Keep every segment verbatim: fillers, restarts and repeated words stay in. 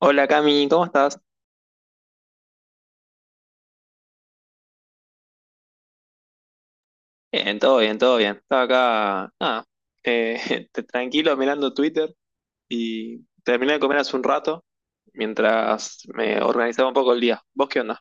Hola Cami, ¿cómo estás? Bien, todo bien, todo bien. Estaba acá, nada, eh, te- tranquilo mirando Twitter y terminé de comer hace un rato mientras me organizaba un poco el día. ¿Vos qué onda?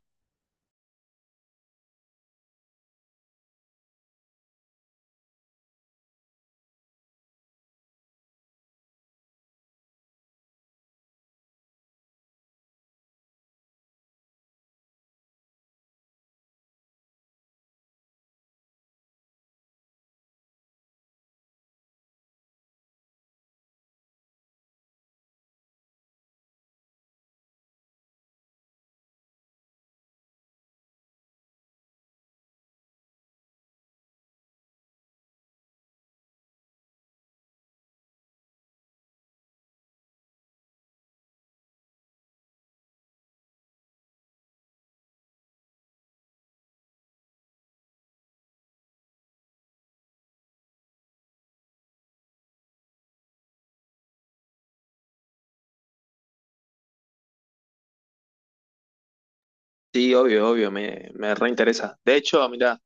Sí, obvio, obvio, me, me reinteresa. De hecho, mirá,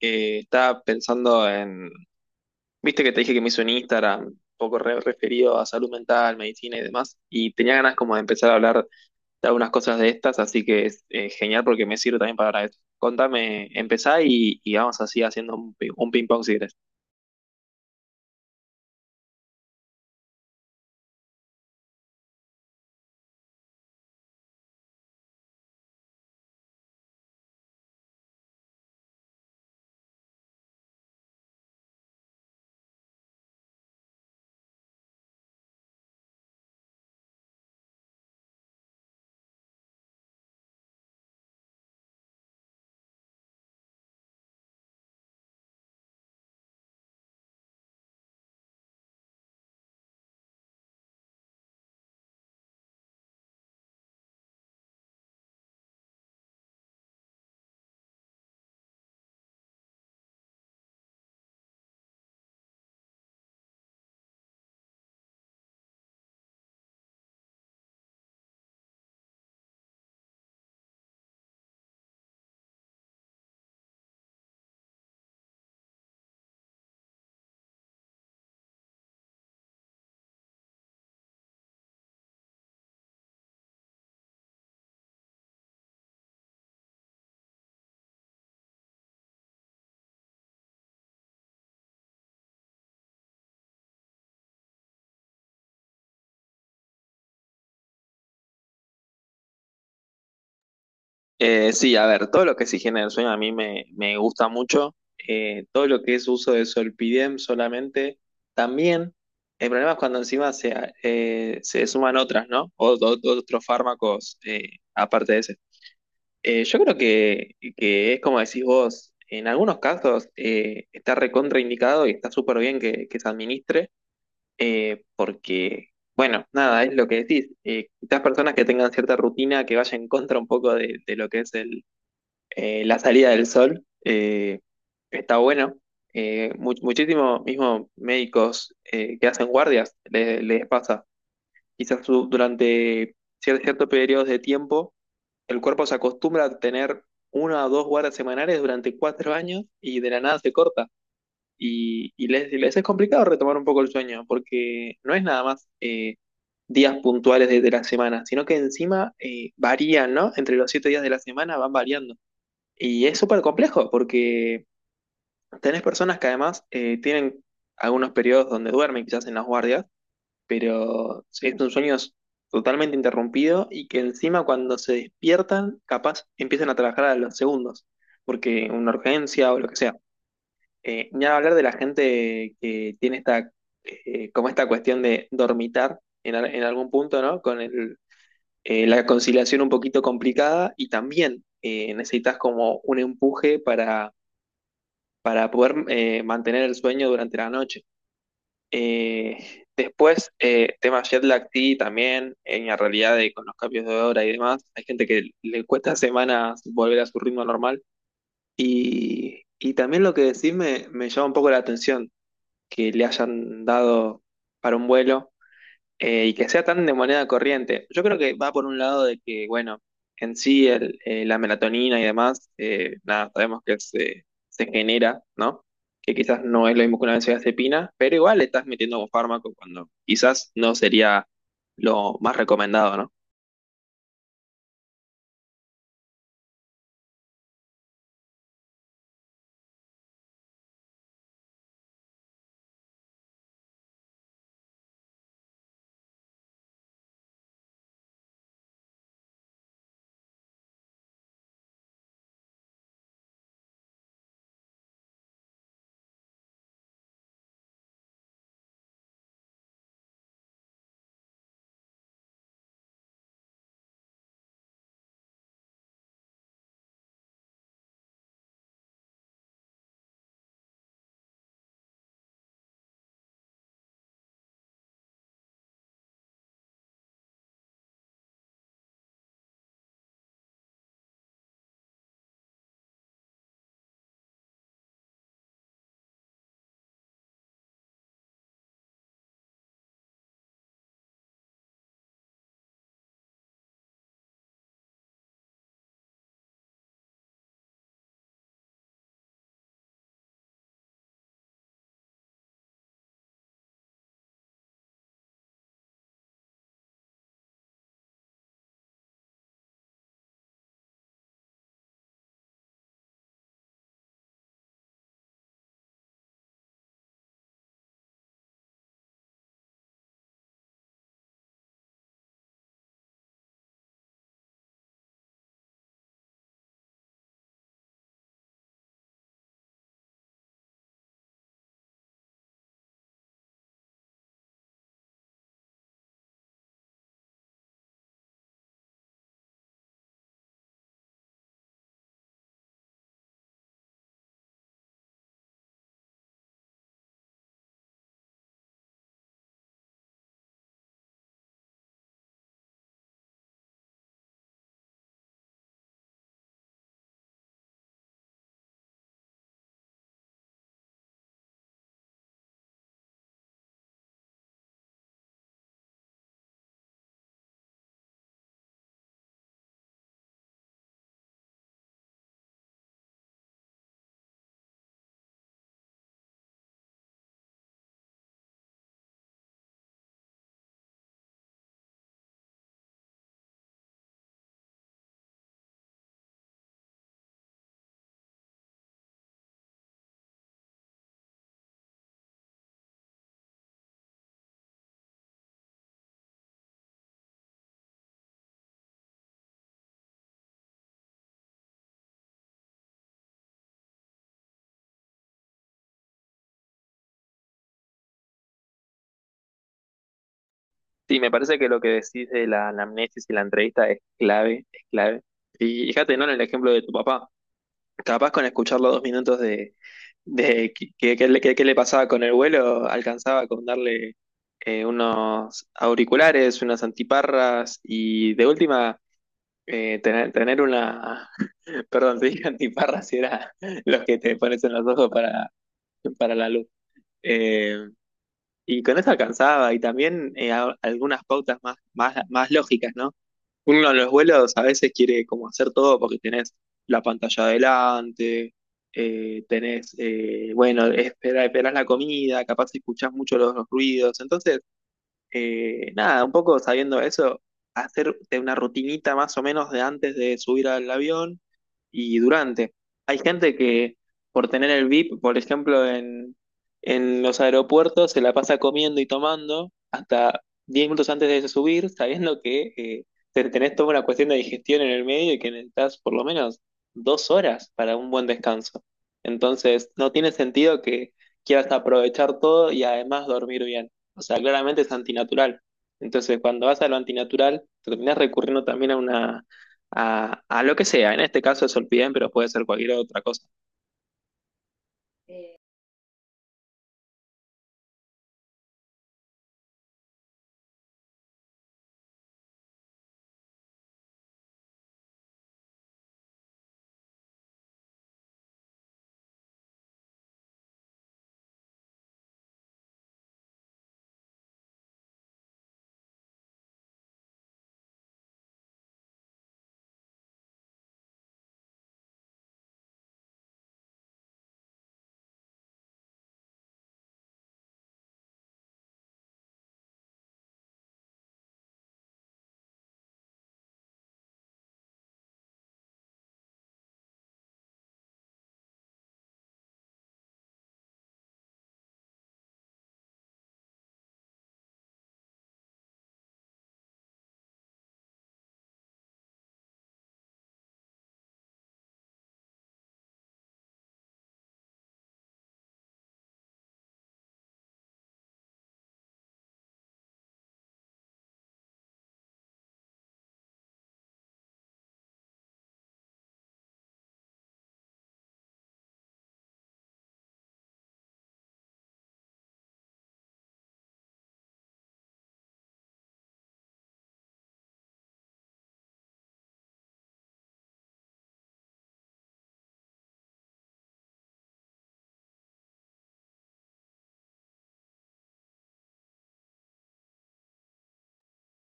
eh, estaba pensando en, viste que te dije que me hice un Instagram un poco re- referido a salud mental, medicina y demás, y tenía ganas como de empezar a hablar de algunas cosas de estas, así que es eh, genial porque me sirve también para eso. Contame, empezá y, y vamos así haciendo un, pi- un ping-pong si querés. Eh, sí, a ver, todo lo que es higiene del sueño a mí me, me gusta mucho. Eh, todo lo que es uso de Solpidem solamente, también. El problema es cuando encima se, eh, se suman otras, ¿no? O, o- otros fármacos eh, aparte de ese. Eh, yo creo que, que es como decís vos, en algunos casos eh, está recontraindicado y está súper bien que que se administre. eh, porque, bueno, nada, es lo que decís. eh, quizás personas que tengan cierta rutina que vaya en contra un poco de, de lo que es el, eh, la salida del sol, eh, está bueno. Eh, mu- muchísimo mismo médicos eh, que hacen guardias le- les pasa. Quizás su- durante cier- ciertos periodos de tiempo, el cuerpo se acostumbra a tener una o dos guardias semanales durante cuatro años y de la nada se corta. Y, y les, y les es complicado retomar un poco el sueño, porque no es nada más eh, días puntuales de, de la semana, sino que encima eh, varían, ¿no? Entre los siete días de la semana van variando. Y es súper complejo, porque tenés personas que además eh, tienen algunos periodos donde duermen, quizás en las guardias, pero es un sueño totalmente interrumpido y que encima cuando se despiertan, capaz empiezan a trabajar a los segundos, porque una urgencia o lo que sea. Eh, ni hablar de la gente que tiene esta, eh, como esta cuestión de dormitar en, al- en algún punto, ¿no? Con el, eh, la conciliación un poquito complicada y también eh, necesitas como un empuje para, para poder eh, mantener el sueño durante la noche. Eh, Después, eh, tema jet lag sí, también, en la realidad de con los cambios de hora y demás, hay gente que le cuesta semanas volver a su ritmo normal. Y, y también lo que decís me, me llama un poco la atención que le hayan dado para un vuelo eh, y que sea tan de moneda corriente. Yo creo que va por un lado de que, bueno, en sí el- eh, la melatonina y demás, eh, nada, sabemos que se, se genera, ¿no? Que quizás no es lo mismo que una benzodiazepina, pero igual le estás metiendo un fármaco cuando quizás no sería lo más recomendado, ¿no? Sí, me parece que lo que decís de la anamnesis y la entrevista es clave, es clave. Y fíjate, ¿no? En el ejemplo de tu papá, capaz con escuchar los dos minutos de, de qué qué- qué le qué- qué le pasaba con el vuelo, alcanzaba con darle eh, unos auriculares, unas antiparras y de última eh, tener, tener una, perdón, te dije antiparras y era los que te pones en los ojos para, para la luz. Eh, y con eso alcanzaba y también eh, a- algunas pautas más, más, más lógicas, ¿no? Uno en los vuelos a veces quiere como hacer todo porque tenés la pantalla adelante, eh, tenés, eh, bueno, espera, esperás la comida, capaz escuchás mucho los, los ruidos. Entonces, eh, nada, un poco sabiendo eso, hacerte una rutinita más o menos de antes de subir al avión y durante. Hay gente que por tener el VIP, por ejemplo, en, en los aeropuertos se la pasa comiendo y tomando hasta diez minutos antes de subir, sabiendo que eh, te- tenés toda una cuestión de digestión en el medio y que necesitas por lo menos dos horas para un buen descanso. Entonces, no tiene sentido que quieras aprovechar todo y además dormir bien. O sea, claramente es antinatural. Entonces, cuando vas a lo antinatural, terminás recurriendo también a una, a, a lo que sea. En este caso es olpidem, pero puede ser cualquier otra cosa.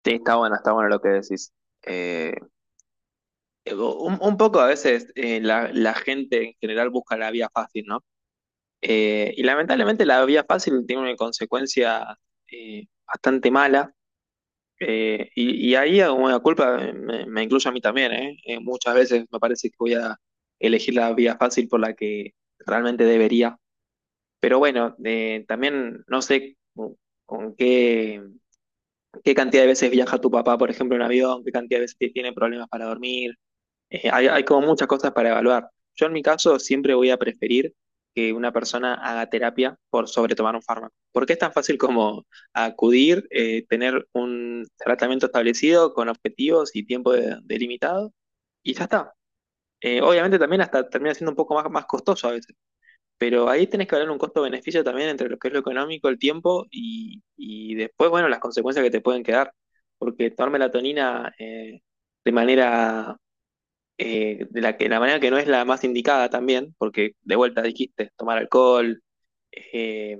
Sí, está bueno, está bueno lo que decís. Eh, Eh, Un, un poco a veces eh, la, la gente en general busca la vía fácil, ¿no? Eh, y lamentablemente la vía fácil tiene una consecuencia eh, bastante mala. Eh, y, y ahí, como la culpa, me, me incluye a mí también, ¿eh? Eh, Muchas veces me parece que voy a elegir la vía fácil por la que realmente debería. Pero bueno, eh, también no sé con con qué, qué cantidad de veces viaja tu papá, por ejemplo, en avión, qué cantidad de veces tiene problemas para dormir, eh, hay, hay como muchas cosas para evaluar. Yo en mi caso siempre voy a preferir que una persona haga terapia por sobre tomar un fármaco, porque es tan fácil como acudir, eh, tener un tratamiento establecido con objetivos y tiempo de- delimitado, y ya está. Eh, obviamente también hasta termina siendo un poco más, más costoso a veces, pero ahí tenés que hablar un costo-beneficio también entre lo que es lo económico, el tiempo y, y después, bueno, las consecuencias que te pueden quedar, porque tomar melatonina eh, de manera eh, de la que la manera que no es la más indicada también, porque de vuelta dijiste tomar alcohol, eh,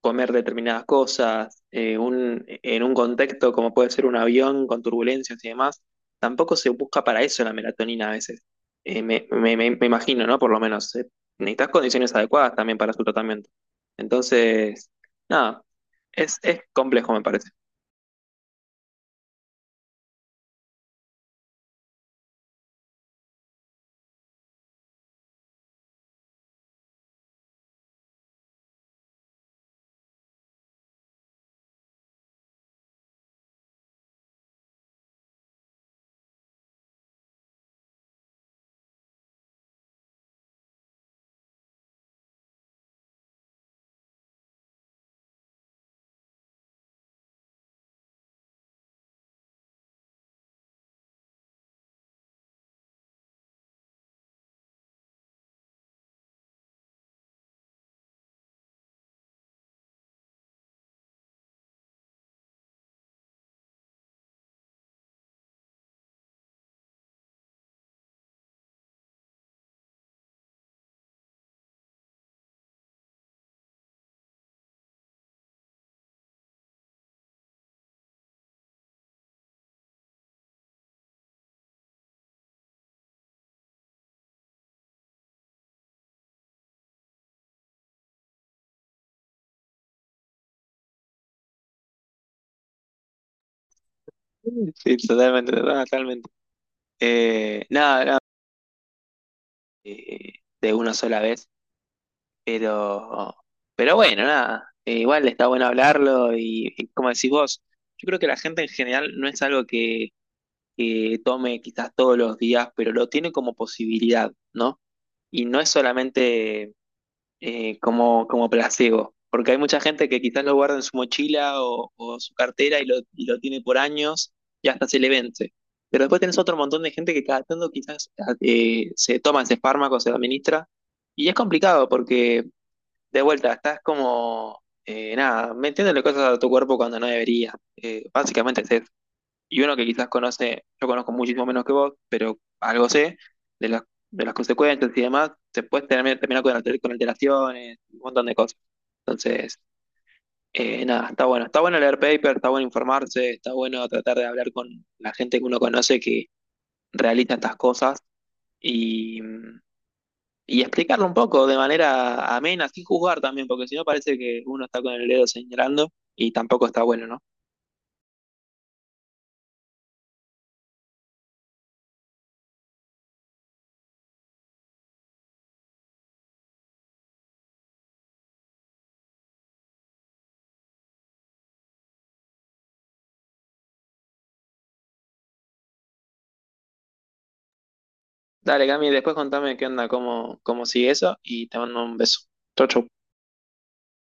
comer determinadas cosas, eh, un- en un contexto como puede ser un avión con turbulencias y demás, tampoco se busca para eso la melatonina a veces. Eh, me, me- me- me imagino, ¿no? Por lo menos, eh, necesitas condiciones adecuadas también para su tratamiento. Entonces, nada, es, es complejo, me parece. Sí, totalmente, totalmente. Eh, nada, nada, eh, de una sola vez. Pero, pero bueno, nada. eh, igual está bueno hablarlo y, y como decís vos, yo creo que la gente en general no es algo que, que tome quizás todos los días, pero lo tiene como posibilidad, ¿no? Y no es solamente eh, como, como placebo, porque hay mucha gente que quizás lo guarda en su mochila o, o su cartera y lo, y lo tiene por años y hasta se le vence. Pero después tenés otro montón de gente que cada tanto quizás eh, se toma ese fármaco, se lo administra. Y es complicado porque de vuelta, estás como, eh, nada, metiéndole cosas a tu cuerpo cuando no debería. Eh, básicamente es eso. Y uno que quizás conoce, yo conozco muchísimo menos que vos, pero algo sé de las, de las consecuencias y demás, te puedes terminar, terminar, con, alter- con alteraciones, un montón de cosas. Entonces, eh, nada, está bueno. Está bueno leer paper, está bueno informarse, está bueno tratar de hablar con la gente que uno conoce que realiza estas cosas. Y, mm, y explicarlo un poco de manera amena, sin juzgar también, porque si no parece que uno está con el dedo señalando y tampoco está bueno, ¿no? Dale, Cami, después contame qué onda, cómo, cómo sigue eso y te mando un beso. Chau, chau.